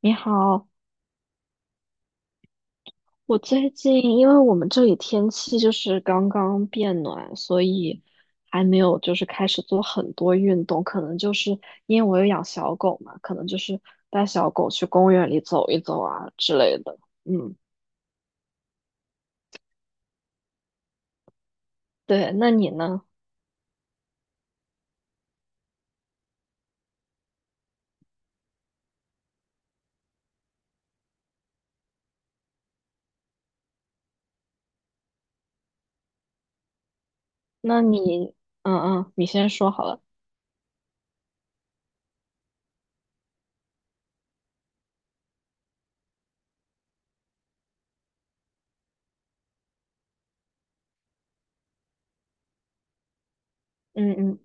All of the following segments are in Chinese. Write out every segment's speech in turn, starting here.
你好。我最近因为我们这里天气刚刚变暖，所以还没有开始做很多运动，可能因为我有养小狗嘛，可能带小狗去公园里走一走啊之类的。嗯，对，那你呢？那你，嗯嗯，你先说好了。嗯嗯。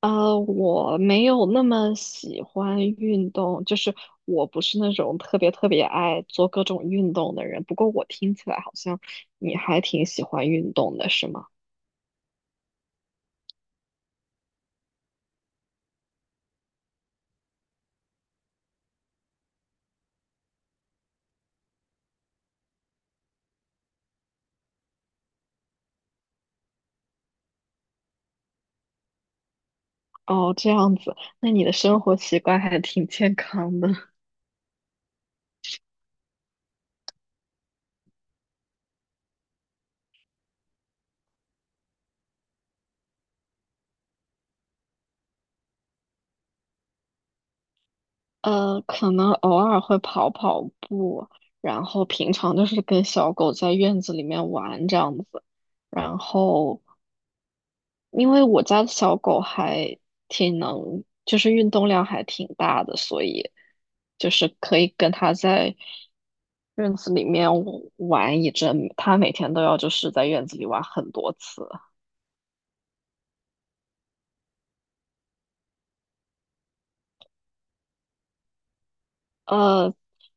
我没有那么喜欢运动，就是我不是那种特别爱做各种运动的人。不过我听起来好像你还挺喜欢运动的，是吗？哦，这样子，那你的生活习惯还挺健康的。可能偶尔会跑跑步，然后平常就是跟小狗在院子里面玩这样子，然后因为我家的小狗还挺能，就是运动量还挺大的，所以就是可以跟它在院子里面玩一阵。它每天都要在院子里玩很多次。呃，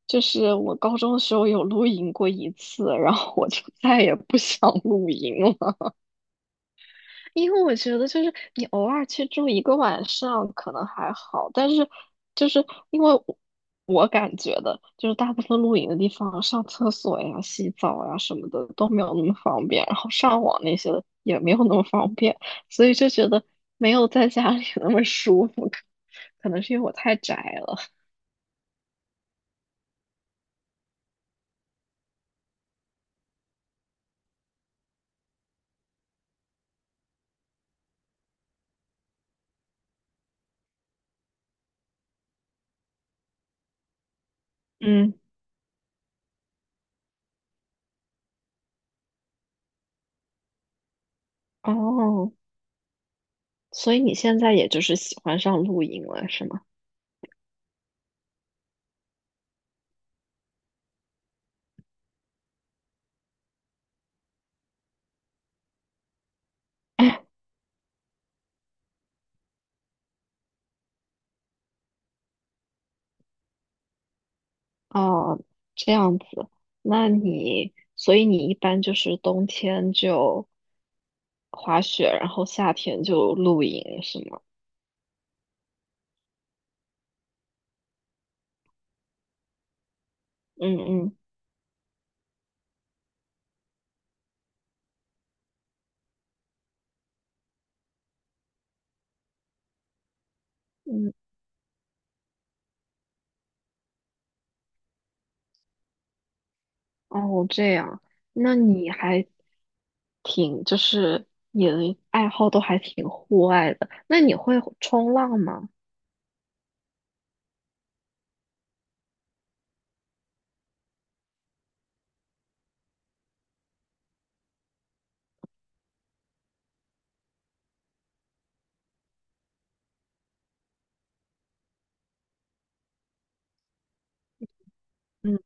就是我高中的时候有露营过一次，然后我就再也不想露营了。因为我觉得就是你偶尔去住一个晚上可能还好，但是就是因为我我感觉的，就是大部分露营的地方上厕所呀、洗澡呀什么的都没有那么方便，然后上网那些的也没有那么方便，所以就觉得没有在家里那么舒服。可能是因为我太宅了。嗯。哦，所以你现在也喜欢上露营了，是吗？哦，这样子。所以你一般就是冬天就滑雪，然后夏天就露营，是吗？嗯嗯嗯，哦，这样，那你还挺，就是你的爱好都还挺户外的，那你会冲浪吗？嗯，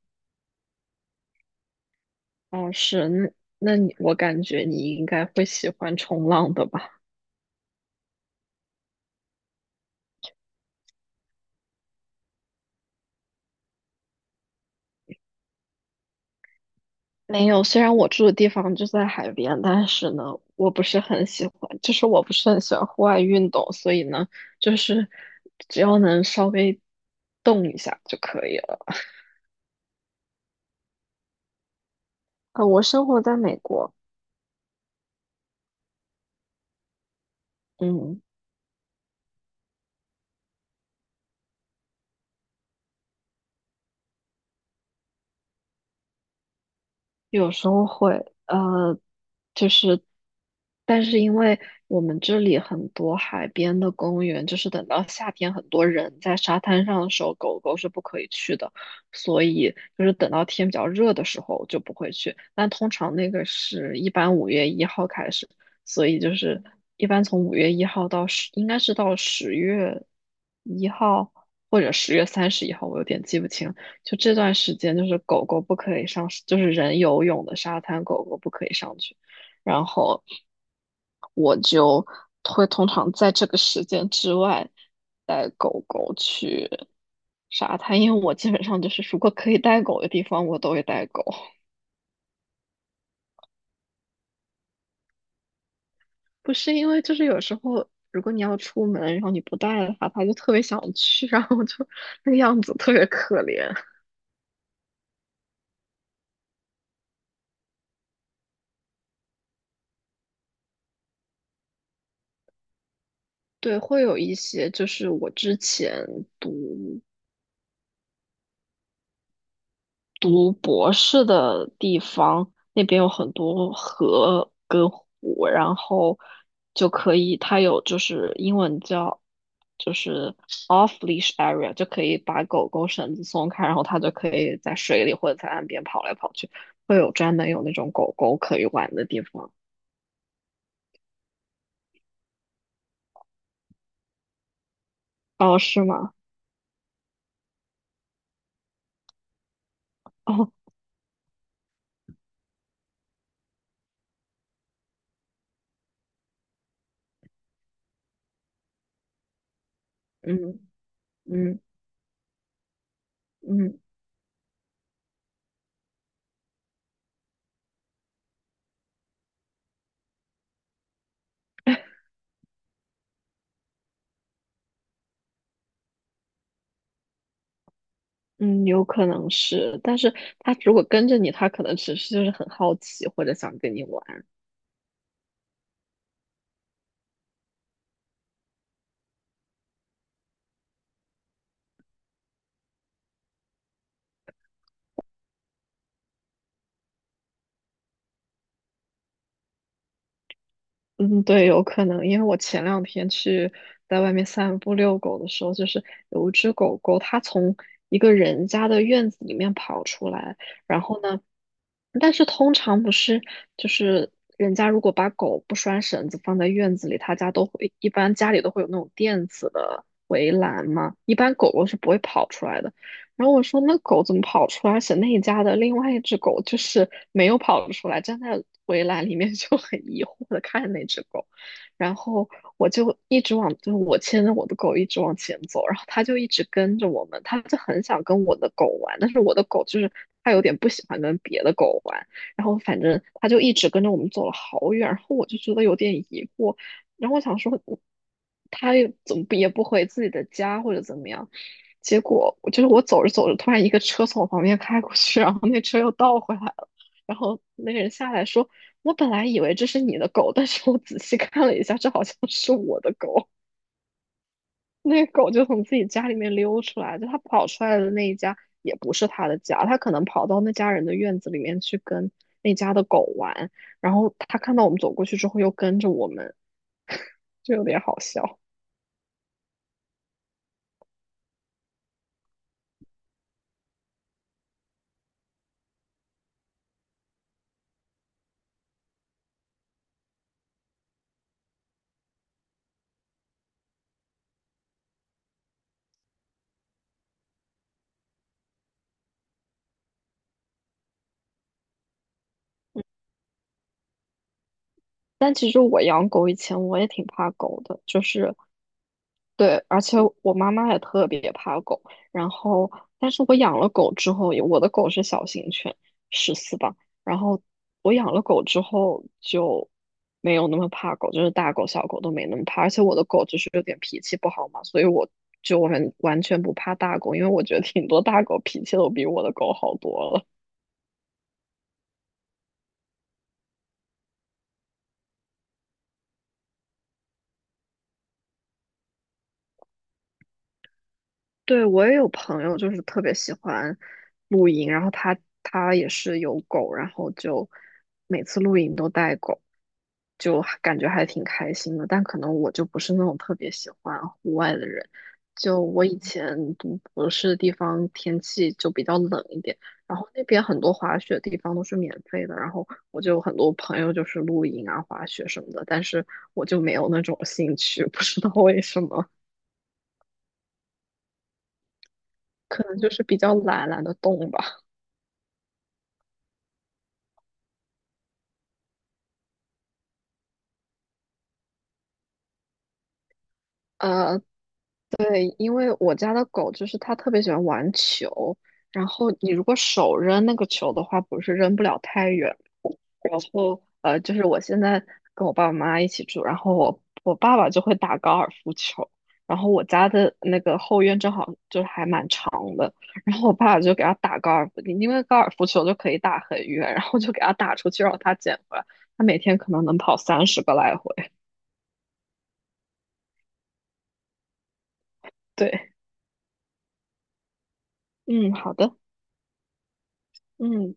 哦，是。那那你，我感觉你应该会喜欢冲浪的吧？没有，虽然我住的地方就在海边，但是呢，我不是很喜欢，就是我不是很喜欢户外运动，所以呢，就是只要能稍微动一下就可以了。我生活在美国。嗯，有时候会。就是，但是因为我们这里很多海边的公园，就是等到夏天很多人在沙滩上的时候，狗狗是不可以去的，所以就是等到天比较热的时候就不会去。但通常那个是一般五月一号开始，所以一般从五月一号到十，应该是到10月1号或者10月31号，我有点记不清。就这段时间，就是狗狗不可以上，就是人游泳的沙滩，狗狗不可以上去。然后我就会通常在这个时间之外带狗狗去沙滩，因为我基本上就是如果可以带狗的地方，我都会带狗。不是因为有时候如果你要出门，然后你不带的话，它就特别想去，然后就那个样子特别可怜。对，会有一些我之前读读博士的地方，那边有很多河跟湖，然后就可以，它有英文叫就是 off leash area，就可以把狗狗绳子松开，然后它就可以在水里或者在岸边跑来跑去，会有专门有那种狗狗可以玩的地方。哦，是吗？哦，嗯嗯嗯嗯，有可能是，但是它如果跟着你，它可能只是很好奇或者想跟你玩。嗯，对，有可能，因为我前两天去在外面散步遛狗的时候，就是有一只狗狗，它从一个人家的院子里面跑出来，然后呢，但是通常不是，就是人家如果把狗不拴绳子放在院子里，他家都会，一般家里都会有那种电子的围栏嘛，一般狗狗是不会跑出来的。然后我说那狗怎么跑出来？而且那一家的另外一只狗就是没有跑出来，站在围栏里面 就很疑惑的看着那只狗。然后我就一直往，就是我牵着我的狗一直往前走，然后它就一直跟着我们，它就很想跟我的狗玩，但是我的狗它有点不喜欢跟别的狗玩，然后反正它就一直跟着我们走了好远，然后我就觉得有点疑惑。然后我想说，我他也总也不回自己的家或者怎么样。结果我就是我走着走着，突然一个车从我旁边开过去，然后那车又倒回来了。然后那个人下来说：“我本来以为这是你的狗，但是我仔细看了一下，这好像是我的狗。”那个狗就从自己家里面溜出来，就它跑出来的那一家也不是它的家，它可能跑到那家人的院子里面去跟那家的狗玩。然后它看到我们走过去之后，又跟着我们，就有点好笑。但其实我养狗以前我也挺怕狗的，对，而且我妈妈也特别怕狗。然后，但是我养了狗之后，我的狗是小型犬，14吧。然后我养了狗之后就没有那么怕狗，就是大狗小狗都没那么怕。而且我的狗有点脾气不好嘛，所以我就完完全不怕大狗，因为我觉得挺多大狗脾气都比我的狗好多了。对，我也有朋友特别喜欢露营，然后他也是有狗，然后就每次露营都带狗，就还感觉还挺开心的。但可能我就不是那种特别喜欢户外的人，就我以前读博士的地方天气就比较冷一点，然后那边很多滑雪地方都是免费的，然后我就有很多朋友露营啊、滑雪什么的，但是我就没有那种兴趣，不知道为什么。可能就是比较懒，懒得动吧。呃，对，因为我家的狗它特别喜欢玩球，然后你如果手扔那个球的话，不是扔不了太远。然后我现在跟我爸爸妈妈一起住，然后我爸爸就会打高尔夫球，然后我家的那个后院正好就还蛮长的，然后我爸爸就给他打高尔夫，因为高尔夫球就可以打很远，然后就给他打出去让他捡回来，他每天可能能跑30个来回。对，嗯，好的，嗯。